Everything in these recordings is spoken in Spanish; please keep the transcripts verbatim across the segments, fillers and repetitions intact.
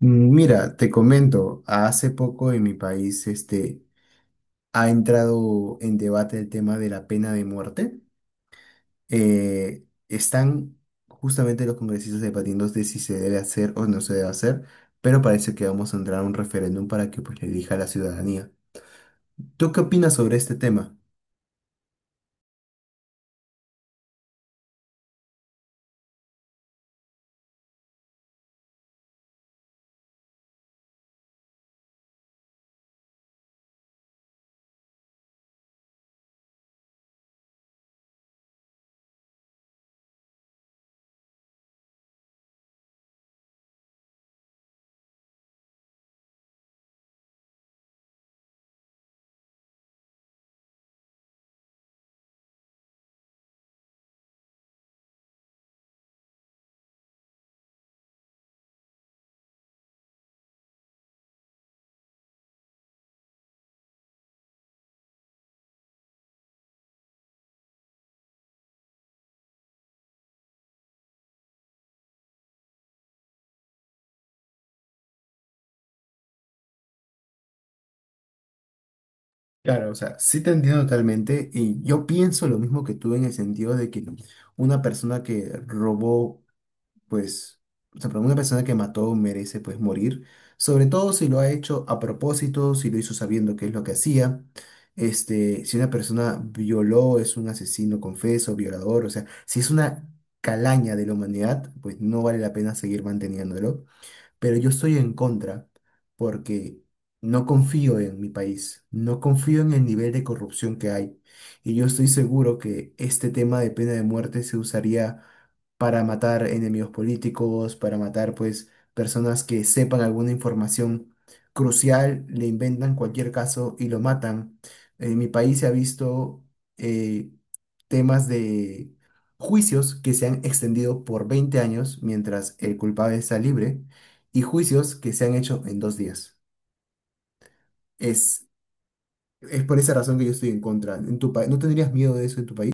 Mm, Mira, te comento, hace poco en mi país este, ha entrado en debate el tema de la pena de muerte. Eh, están justamente los congresistas debatiendo de si se debe hacer o no se debe hacer, pero parece que vamos a entrar a un referéndum para que pues, le elija a la ciudadanía. ¿Tú qué opinas sobre este tema? Claro, o sea, sí te entiendo totalmente y yo pienso lo mismo que tú en el sentido de que una persona que robó pues, o sea, para una persona que mató merece, pues, morir, sobre todo si lo ha hecho a propósito, si lo hizo sabiendo qué es lo que hacía, este, si una persona violó, es un asesino confeso, violador, o sea, si es una calaña de la humanidad, pues no vale la pena seguir manteniéndolo, pero yo estoy en contra porque no confío en mi país, no confío en el nivel de corrupción que hay y yo estoy seguro que este tema de pena de muerte se usaría para matar enemigos políticos, para matar pues personas que sepan alguna información crucial, le inventan cualquier caso y lo matan. En mi país se ha visto eh, temas de juicios que se han extendido por veinte años mientras el culpable está libre y juicios que se han hecho en dos días. Es, es por esa razón que yo estoy en contra. En tu pa- ¿no tendrías miedo de eso en tu país?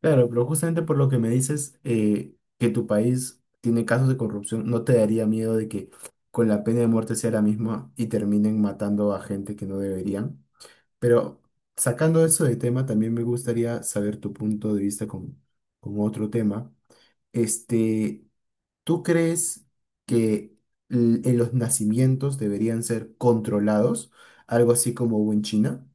Claro, pero justamente por lo que me dices eh, que tu país tiene casos de corrupción, ¿no te daría miedo de que con la pena de muerte sea la misma y terminen matando a gente que no deberían? Pero sacando eso de tema, también me gustaría saber tu punto de vista con, con otro tema. Este, ¿Tú crees que l- en los nacimientos deberían ser controlados? Algo así como hubo en China.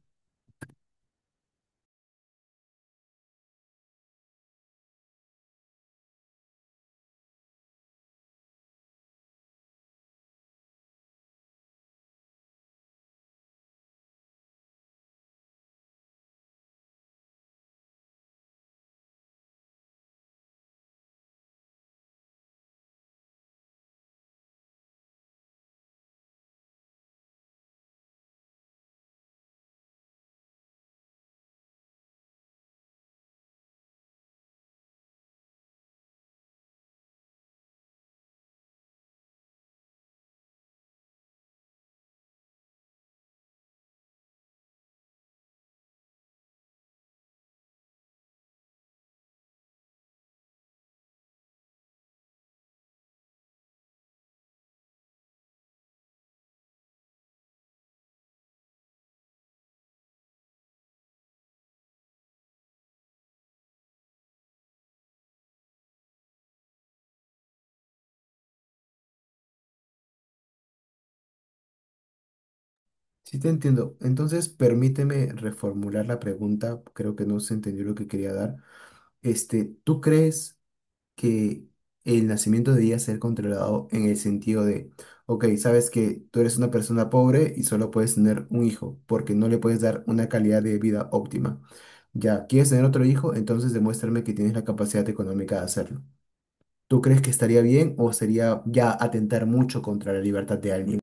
Sí, te entiendo. Entonces, permíteme reformular la pregunta. Creo que no se entendió lo que quería dar. Este, ¿tú crees que el nacimiento debería ser controlado en el sentido de, ok, sabes que tú eres una persona pobre y solo puedes tener un hijo porque no le puedes dar una calidad de vida óptima? Ya, ¿quieres tener otro hijo? Entonces demuéstrame que tienes la capacidad económica de hacerlo. ¿Tú crees que estaría bien o sería ya atentar mucho contra la libertad de alguien?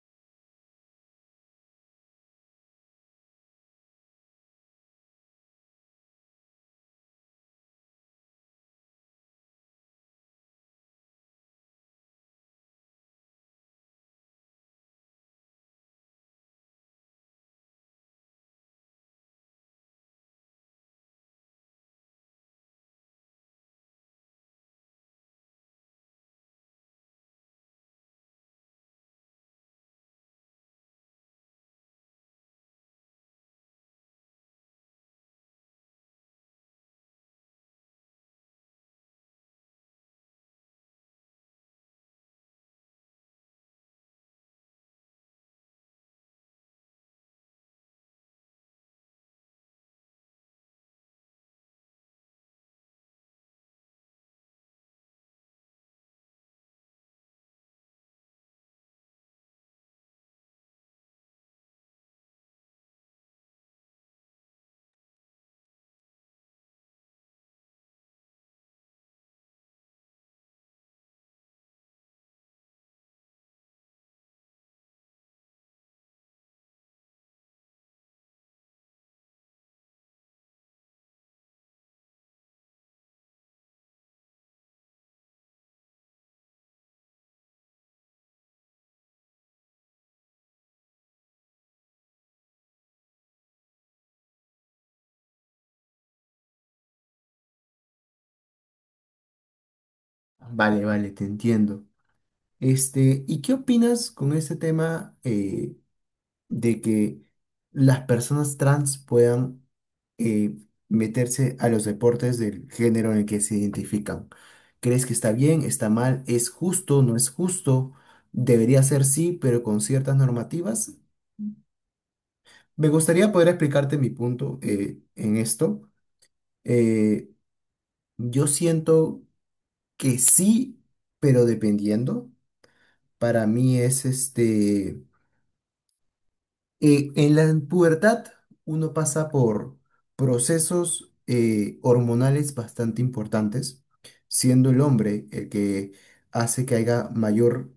Vale, vale, te entiendo. Este, ¿y qué opinas con este tema eh, de que las personas trans puedan eh, meterse a los deportes del género en el que se identifican? ¿Crees que está bien, está mal, es justo, no es justo? Debería ser sí, pero con ciertas normativas. Me gustaría poder explicarte mi punto eh, en esto. Eh, yo siento que sí, pero dependiendo, para mí es este, eh, en la pubertad uno pasa por procesos eh, hormonales bastante importantes, siendo el hombre el que hace que haya mayor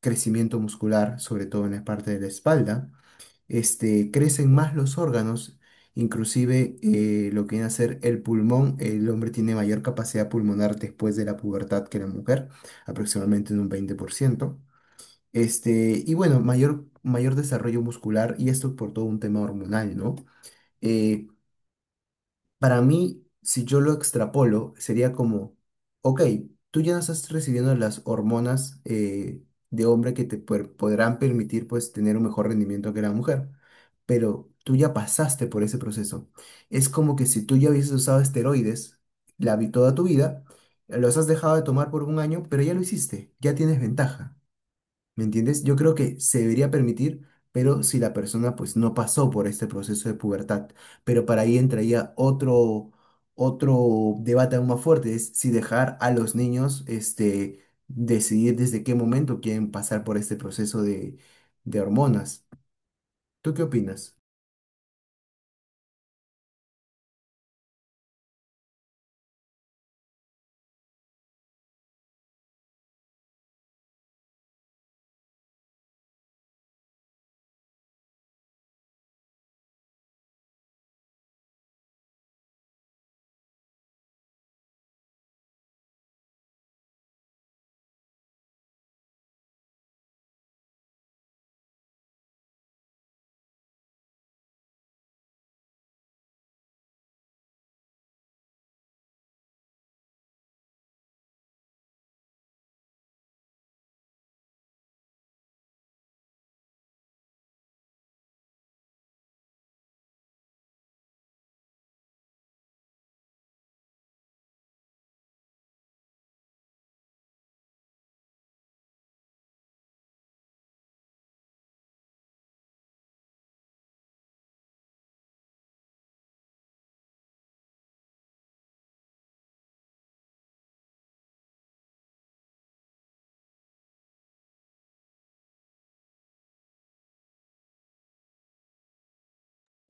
crecimiento muscular, sobre todo en la parte de la espalda, este, crecen más los órganos, inclusive eh, lo que viene a ser el pulmón. El hombre tiene mayor capacidad pulmonar después de la pubertad que la mujer, aproximadamente en un veinte por ciento. Este, y bueno, mayor, mayor desarrollo muscular, y esto por todo un tema hormonal, ¿no? Eh, para mí, si yo lo extrapolo, sería como, ok, tú ya no estás recibiendo las hormonas eh, de hombre que te puer- podrán permitir pues tener un mejor rendimiento que la mujer, pero tú ya pasaste por ese proceso. Es como que si tú ya hubieses usado esteroides la, vi- toda tu vida, los has dejado de tomar por un año, pero ya lo hiciste, ya tienes ventaja. ¿Me entiendes? Yo creo que se debería permitir, pero si la persona pues no pasó por este proceso de pubertad. Pero para ahí entraría otro, otro debate aún más fuerte, es si dejar a los niños este, decidir desde qué momento quieren pasar por este proceso de, de hormonas. ¿Tú qué opinas?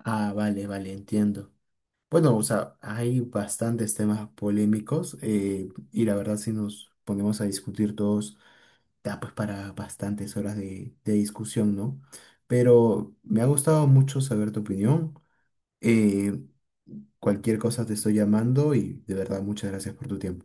Ah, vale, vale, entiendo. Bueno, o sea, hay bastantes temas polémicos eh, y la verdad si nos ponemos a discutir todos da pues para bastantes horas de, de discusión, ¿no? Pero me ha gustado mucho saber tu opinión. Eh, cualquier cosa te estoy llamando y de verdad muchas gracias por tu tiempo.